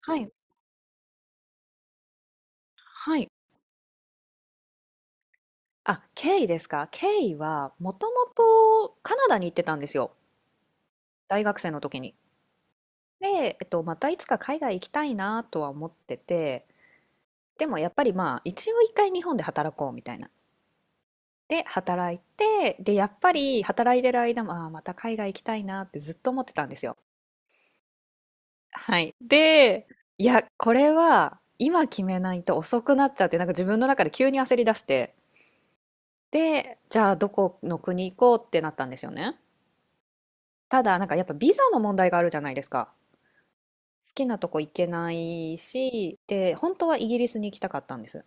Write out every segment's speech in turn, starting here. はい、はい。あ、ケイですか。ケイはもともとカナダに行ってたんですよ。大学生の時に。で、またいつか海外行きたいなとは思ってて、でもやっぱりまあ一応一回日本で働こうみたいな。で、働いて、で、やっぱり働いてる間も、ああ、また海外行きたいなってずっと思ってたんですよ。はい。で、いや、これは今決めないと遅くなっちゃって、なんか自分の中で急に焦り出して、で、じゃあどこの国行こうってなったんですよね。ただ、なんかやっぱビザの問題があるじゃないですか。好きなとこ行けないし、で、本当はイギリスに行きたかったんです。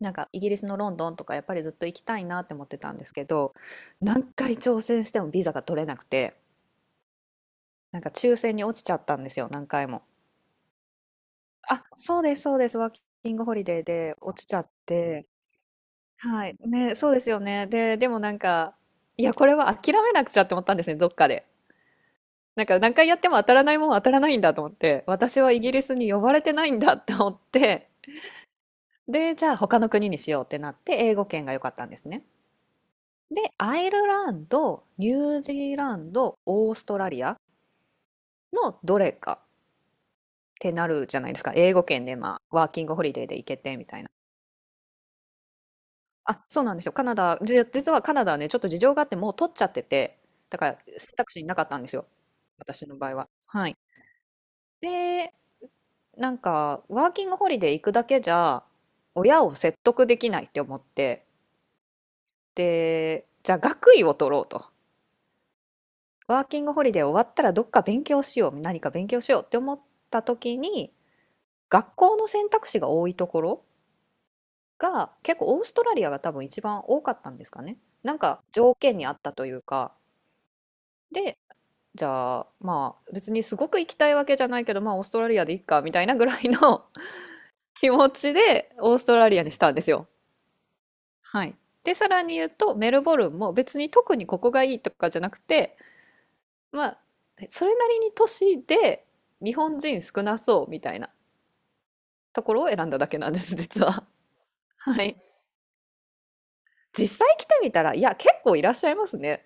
なんかイギリスのロンドンとかやっぱりずっと行きたいなって思ってたんですけど、何回挑戦してもビザが取れなくて、なんか抽選に落ちちゃったんですよ、何回も。あ、そうです、そうです、ワーキングホリデーで落ちちゃって、はい、ね、そうですよね。で、でもなんか、いや、これは諦めなくちゃって思ったんですね、どっかで。なんか何回やっても当たらないもんは当たらないんだと思って、私はイギリスに呼ばれてないんだって思って、で、じゃあ他の国にしようってなって英語圏が良かったんですね。で、アイルランド、ニュージーランド、オーストラリアのどれかってなるじゃないですか。英語圏でまあ、ワーキングホリデーで行けてみたいな。あ、そうなんですよ。カナダ、実はカナダはね、ちょっと事情があってもう取っちゃってて、だから選択肢になかったんですよ。私の場合は。はい。で、なんか、ワーキングホリデー行くだけじゃ、親を説得できないって思って、で、じゃあ学位を取ろうと。ワーキングホリデー終わったらどっか勉強しよう、何か勉強しようって思った時に、学校の選択肢が多いところが、結構オーストラリアが多分一番多かったんですかね。なんか条件にあったというか、で、じゃあまあ別にすごく行きたいわけじゃないけど、まあオーストラリアでいっかみたいなぐらいの 気持ちでオーストラリアにしたんですよ。はい。で、さらに言うと、メルボルンも別に特にここがいいとかじゃなくて、まあ、それなりに都市で日本人少なそうみたいなところを選んだだけなんです、実は。はい。実際来てみたら、いや、結構いらっしゃいますね。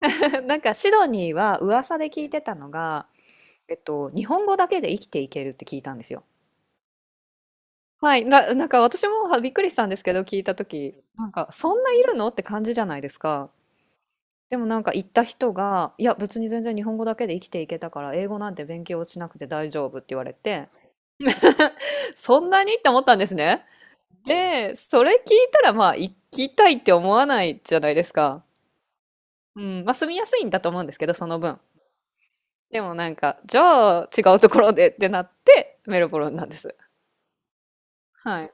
なんかシドニーは噂で聞いてたのが、日本語だけで生きていけるって聞いたんですよ。はい、なんか私もはびっくりしたんですけど、聞いた時なんかそんないるのって感じじゃないですか。でもなんか行った人が、いや別に全然日本語だけで生きていけたから英語なんて勉強しなくて大丈夫って言われて、そんなにって思ったんですね。で、それ聞いたらまあ行きたいって思わないじゃないですか。うん、まあ住みやすいんだと思うんですけど、その分。でもなんか、じゃあ違うところでってなってメルボルンなんです。はい。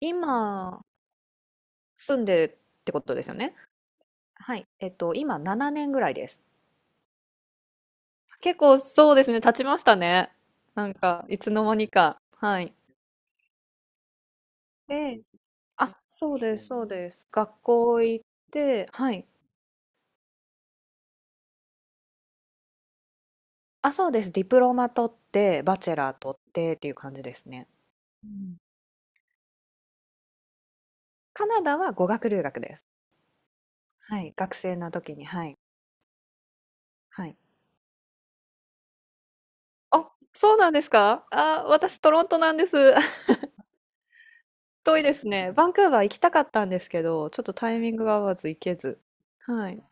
今住んでってことですよね。はい。今7年ぐらいです。結構そうですね、経ちましたね。なんか、いつの間にか。はい。で、あ、そうです、そうです。学校行って、はい。あ、そうです。ディプロマ取って、バチェラー取ってっていう感じですね。うん。カナダは語学留学です。はい。学生の時に、はい。はい。あ、そうなんですかあ、私トロントなんです。遠いですね。バンクーバー行きたかったんですけど、ちょっとタイミングが合わず行けず。はい。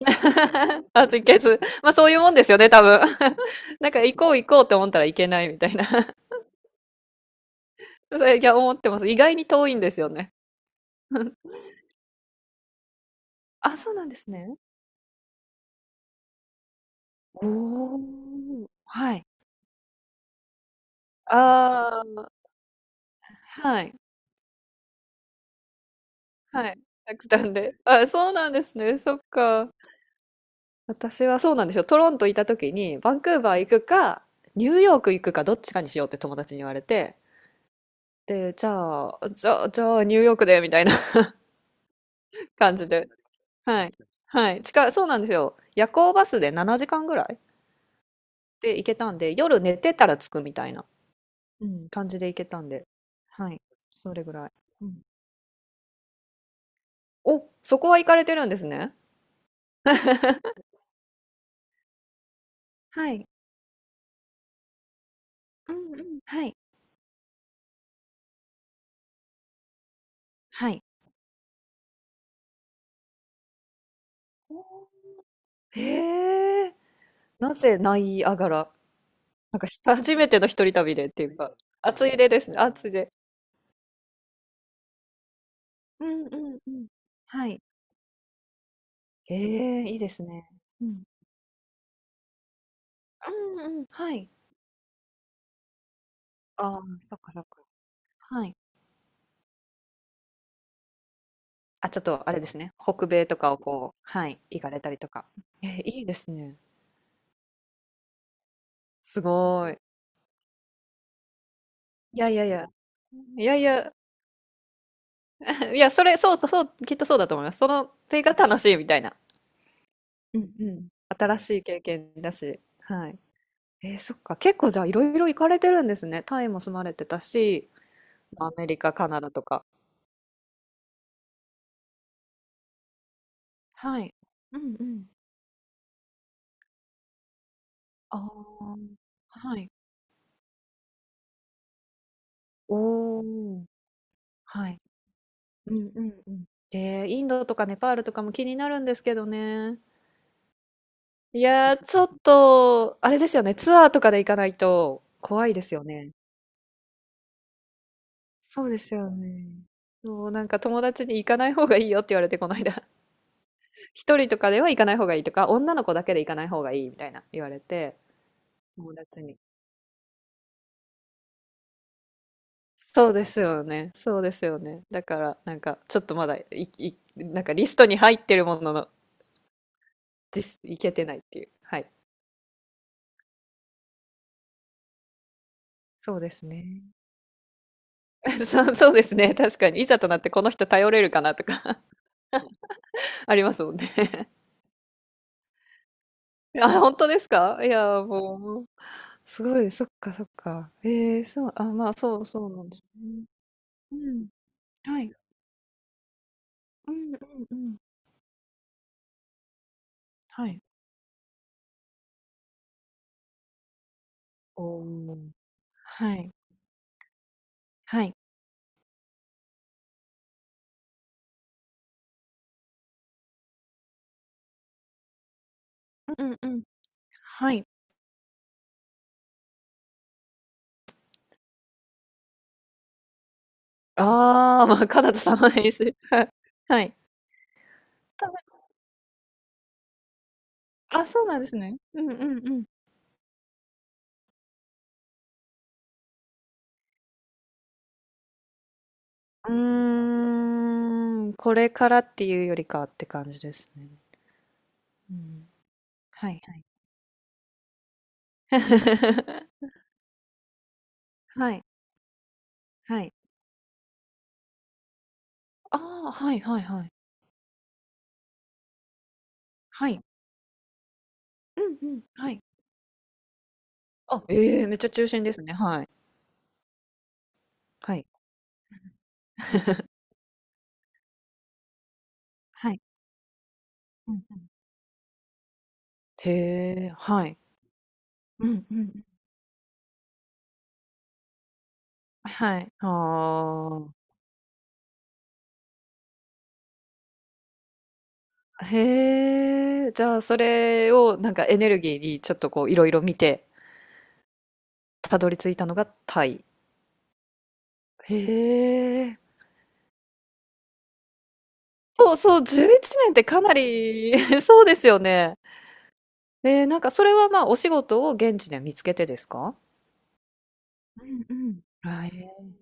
あ、実決。まあそういうもんですよね、多分。なんか行こう行こうって思ったらいけないみたいな。それ、いや、思ってます。意外に遠いんですよね。あ、そうなんですね。おお。はい。ああ、はい。はい。たくさんで。あ、そうなんですね。そっか。私はそうなんですよ。トロントいた時に、バンクーバー行くか、ニューヨーク行くか、どっちかにしようって友達に言われて、で、じゃあ、ニューヨークで、みたいな 感じで。はい。はい。近い、そうなんですよ。夜行バスで7時間ぐらいで行けたんで、夜寝てたら着くみたいな、うん、感じで行けたんで。はい。それぐらい。うん、お、そこは行かれてるんですね。はい。うんうん。はい。はい。おーへえ。なぜナイアガラなんか初めての一人旅でっていうか、暑いでですね。暑いで。うんうんうん。はい。ええ、いいですね。うん。うんうん。はい。ああ、そっかそっか。はい。あ、ちょっとあれですね。北米とかをこう、はい、行かれたりとか。えいいですね。すごい。いやいやいや。いやいや、いや、それ、そうそう、そう、きっとそうだと思います。その手が楽しいみたいな。うんうん。新しい経験だし。はい。えー、そっか。結構じゃあいろいろ行かれてるんですね。タイも住まれてたし、アメリカ、カナダとか。はい。うんうん。ああ。はい。おお。はい。うんうんうん。で、インドとかネパールとかも気になるんですけどね。いやー、ちょっと、あれですよね。ツアーとかで行かないと怖いですよね。そうですよね。そう、なんか友達に行かない方がいいよって言われて、この間。一人とかでは行かない方がいいとか、女の子だけで行かない方がいいみたいな言われて、友達に。そうですよね。そうですよね。だから、なんか、ちょっとまだ、なんかリストに入ってるものの、実、行けてないっていう。はい。そうですね。そうそうですね、確かに。いざとなってこの人頼れるかなとか ありますもんね。あ、本当ですかいや、もう、すごい、そっかそっか。ええ、そう、あ、まあ、そうそうなんですね。うん。はい。うんうんうん。おーはい。はい。うんうんうん。はい。ああ、まあ、カナダ様にする。はい。はい。多分あ、そうなんですね。うんうんうん。うーん、これからっていうよりかって感じですね。うん。はいはい。はい、はい。ああ、はいはいはい。はい。うんうん、はい。あ、ええ、めっちゃ中心ですね。はい。はい。はい。うんうん。へえ、はい。うんうんうん。はい。ああ。へえ、じゃあそれをなんかエネルギーにちょっとこういろいろ見て、たどり着いたのがタイ。へえ。そうそう、11年ってかなり そうですよね。ええ、なんかそれはまあお仕事を現地で見つけてですか？うんうん。あ、えー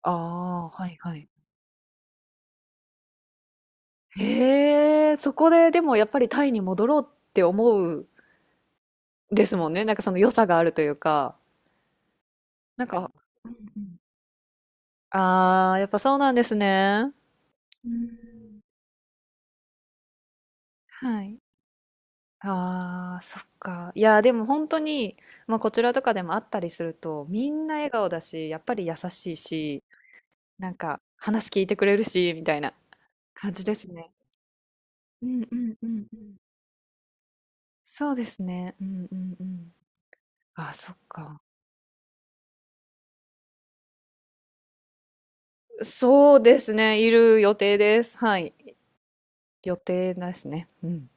はいはいうんうんはいうんはいはいはいはいああはいはいへえ、そこででもやっぱりタイに戻ろうって思うですもんね。なんかその良さがあるというか、なんかうんうん。ああ、やっぱそうなんですね。うーん。はい。ああ、そっか。いや、でも本当に、まあ、こちらとかでもあったりすると、みんな笑顔だし、やっぱり優しいしなんか話聞いてくれるし、みたいな感じですね。うんうんうんうん。そうですね。うんうんうん。あ、そっか。そうですね。いる予定です。はい。予定ですね。うん。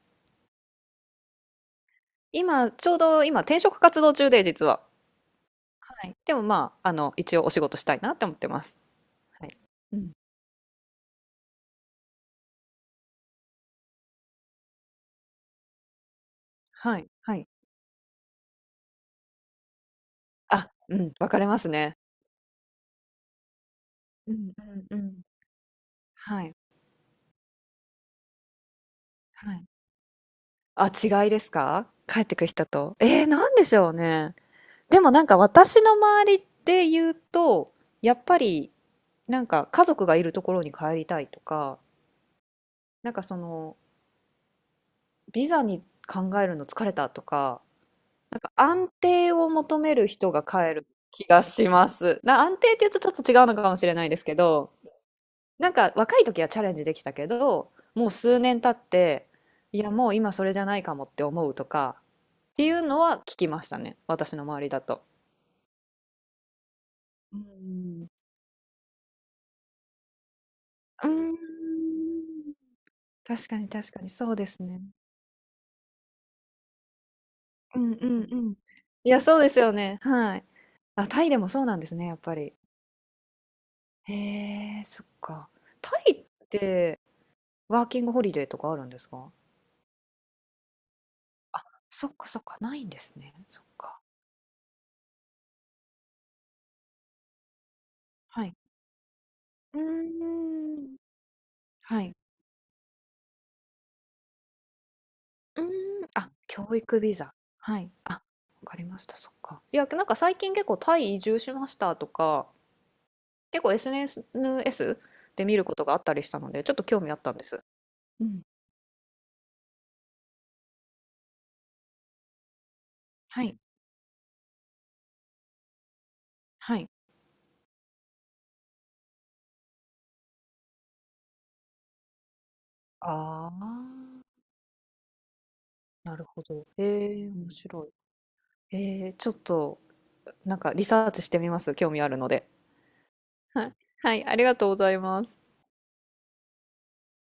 今、ちょうど今、転職活動中で、実は。はい。でもまあ、一応お仕事したいなって思ってます。はい。うん。はい。はい。あ、うん。分かれますね。うんうんうん。はい。はい。あ、違いですか帰ってくる人と。えー、なんでしょうね。でもなんか私の周りで言うと、やっぱりなんか家族がいるところに帰りたいとか、なんかそのビザに考えるの疲れたとか、なんか安定を求める人が帰る気がします。安定って言うとちょっと違うのかもしれないですけど、なんか若い時はチャレンジできたけど、もう数年経って、いやもう今それじゃないかもって思うとか、っていうのは聞きましたね。私の周りだと。うん。うーん確かに確かに、そうですね。うんうんうん。いや、そうですよね。はい。あ、タイでもそうなんですね、やっぱり。へえ、そっか。タイってワーキングホリデーとかあるんですかあ、そっかそっか、ないんですね。そっか。はい。うーん。はい。うーん。あ、教育ビザ。はい。あ、わかりました。そっか。いや、なんか最近結構タイ移住しましたとか、結構 SNS で見ることがあったりしたので、ちょっと興味あったんです。うん。はい。はい。ああ、なるほど。ええ、面白い。ええ、ちょっと、なんかリサーチしてみます。興味あるので。はい、はい、ありがとうございます。